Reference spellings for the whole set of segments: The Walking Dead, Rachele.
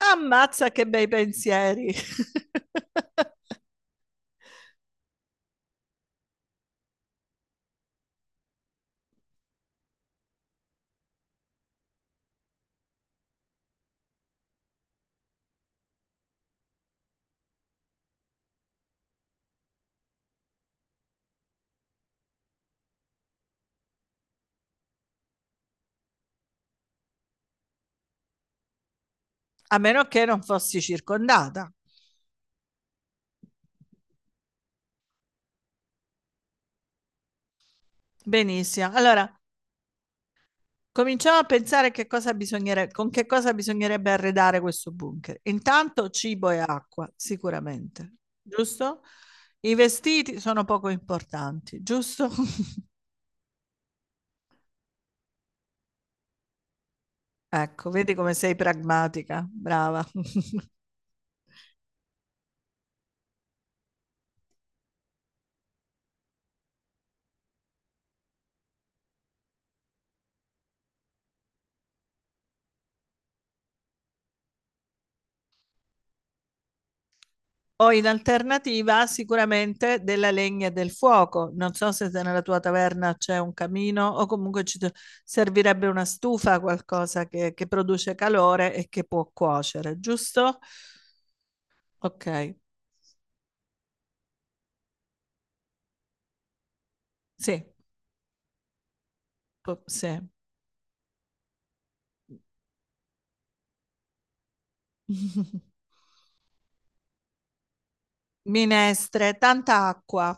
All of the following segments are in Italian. Ammazza che bei pensieri, a meno che non fossi circondata. Benissimo. Allora, cominciamo a pensare che cosa con che cosa bisognerebbe arredare questo bunker. Intanto cibo e acqua, sicuramente, giusto? I vestiti sono poco importanti, giusto? Ecco, vedi come sei pragmatica, brava. O in alternativa sicuramente della legna e del fuoco. Non so se nella tua taverna c'è un camino o comunque servirebbe una stufa, qualcosa che produce calore e che può cuocere, giusto? Ok, sì, sì. Minestre, tanta acqua.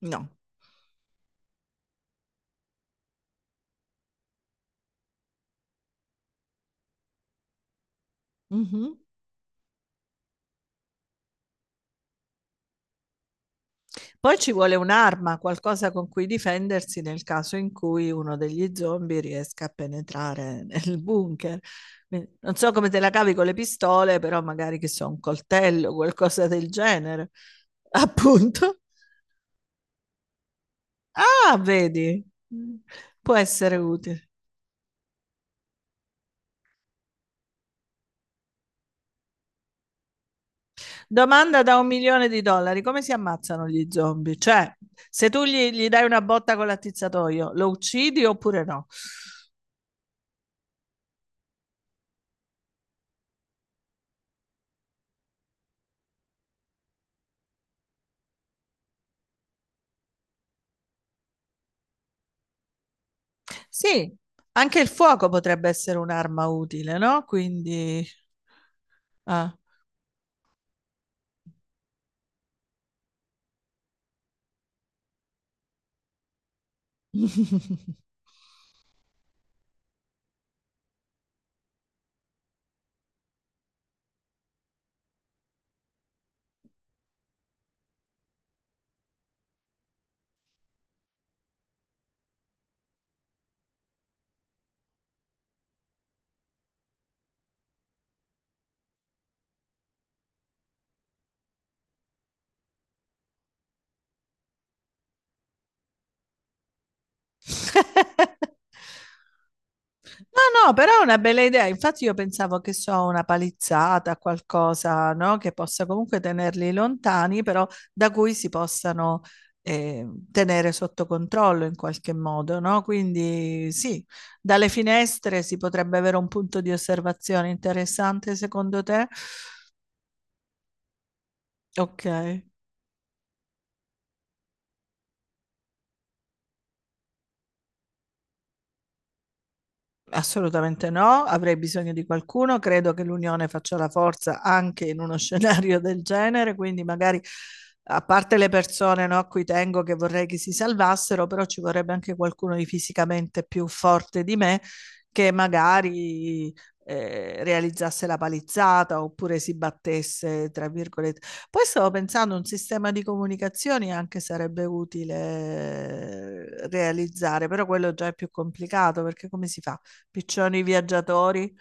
No. Mhm. Poi ci vuole un'arma, qualcosa con cui difendersi nel caso in cui uno degli zombie riesca a penetrare nel bunker. Quindi, non so come te la cavi con le pistole, però magari che so, un coltello, qualcosa del genere. Appunto. Ah, vedi, può essere utile. Domanda da un milione di dollari: come si ammazzano gli zombie? Cioè, se tu gli dai una botta con l'attizzatoio, lo uccidi oppure no? Sì, anche il fuoco potrebbe essere un'arma utile, no? Quindi... ah. No, no, però è una bella idea. Infatti io pensavo che so, una palizzata, qualcosa, no? Che possa comunque tenerli lontani, però da cui si possano eh, tenere sotto controllo in qualche modo, no? Quindi sì, dalle finestre si potrebbe avere un punto di osservazione interessante, secondo te? Ok. Assolutamente no, avrei bisogno di qualcuno, credo che l'unione faccia la forza anche in uno scenario del genere, quindi magari a parte le persone no, a cui tengo che vorrei che si salvassero, però ci vorrebbe anche qualcuno di fisicamente più forte di me che magari realizzasse la palizzata oppure si battesse, tra virgolette. Poi stavo pensando un sistema di comunicazioni anche sarebbe utile realizzare, però quello già è più complicato perché come si fa? Piccioni viaggiatori.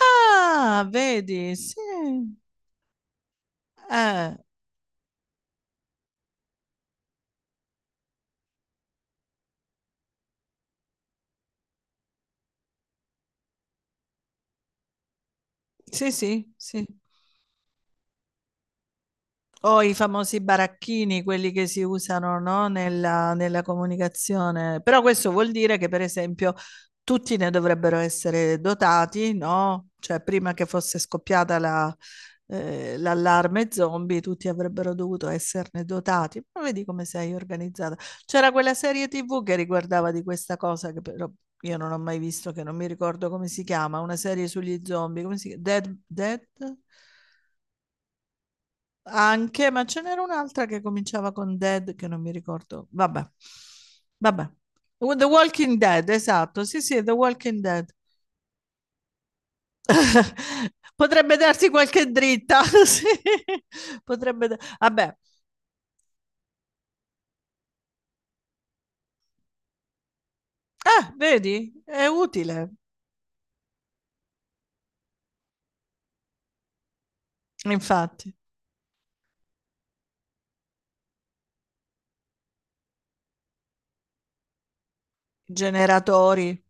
Ah, vedi, sì. Eh, sì, sì, sì. O i famosi baracchini, quelli che si usano, no, nella comunicazione. Però questo vuol dire che, per esempio, tutti ne dovrebbero essere dotati, no? Cioè, prima che fosse scoppiata l'allarme zombie, tutti avrebbero dovuto esserne dotati. Ma vedi come sei organizzata. C'era quella serie TV che riguardava di questa cosa, che però io non ho mai visto, che non mi ricordo come si chiama, una serie sugli zombie, come si chiama? Dead, Dead? Anche, ma ce n'era un'altra che cominciava con Dead che non mi ricordo. Vabbè, vabbè. The Walking Dead, esatto. Sì, sì, The Walking Dead. Potrebbe darsi qualche dritta. Sì. Vabbè, ah, vedi? È utile, infatti. Generatori.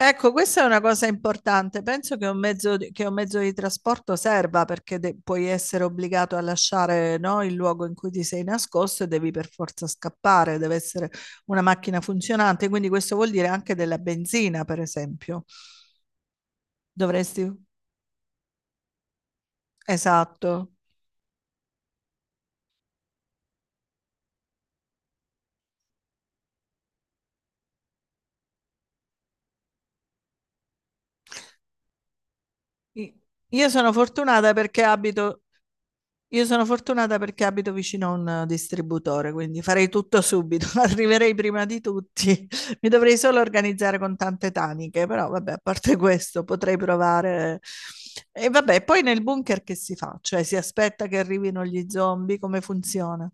Ecco, questa è una cosa importante. Penso che un mezzo di, che un mezzo di trasporto serva perché puoi essere obbligato a lasciare, no, il luogo in cui ti sei nascosto e devi per forza scappare. Deve essere una macchina funzionante. Quindi questo vuol dire anche della benzina, per esempio. Dovresti... Esatto. I- Io sono fortunata perché abito. Io sono fortunata perché abito vicino a un distributore, quindi farei tutto subito, arriverei prima di tutti. Mi dovrei solo organizzare con tante taniche, però vabbè, a parte questo potrei provare. Eh. E vabbè, poi nel bunker che si fa? Cioè si aspetta che arrivino gli zombie, come funziona?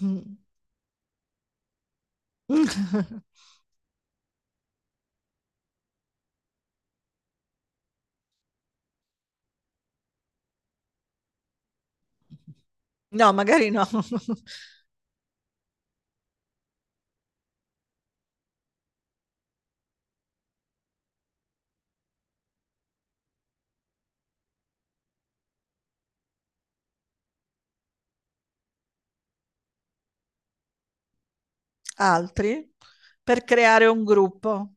Mm. No, magari no. Altri? Per creare un gruppo.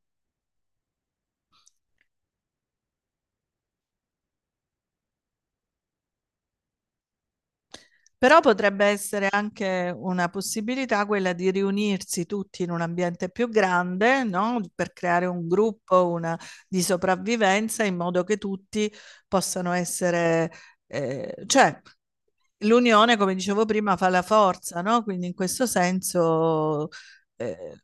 Però potrebbe essere anche una possibilità quella di riunirsi tutti in un ambiente più grande, no? Per creare un gruppo, una di sopravvivenza in modo che tutti possano essere, cioè l'unione, come dicevo prima, fa la forza, no? Quindi in questo senso, eh,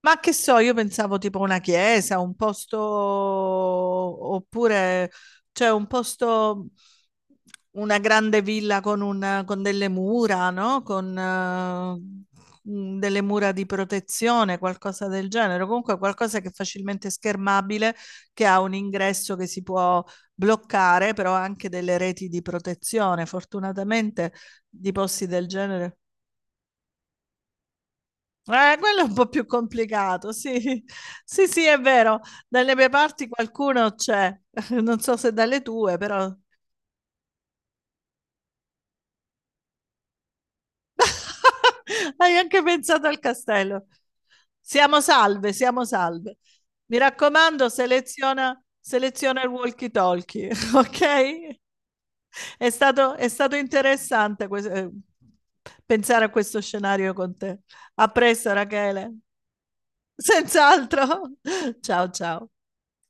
Ma che so, io pensavo tipo una chiesa, un posto, oppure cioè un posto, una grande villa con, con delle mura, no? Con delle mura di protezione, qualcosa del genere. Comunque qualcosa che è facilmente schermabile, che ha un ingresso che si può bloccare, però ha anche delle reti di protezione. Fortunatamente di posti del genere. Quello è un po' più complicato, sì. Sì, sì, è vero. Dalle mie parti qualcuno c'è. Non so se dalle tue, però hai anche pensato al castello. Siamo salve, siamo salve. Mi raccomando, seleziona, seleziona il walkie-talkie, ok? È stato interessante pensare a questo scenario con te. A presto, Rachele. Senz'altro. Ciao, ciao.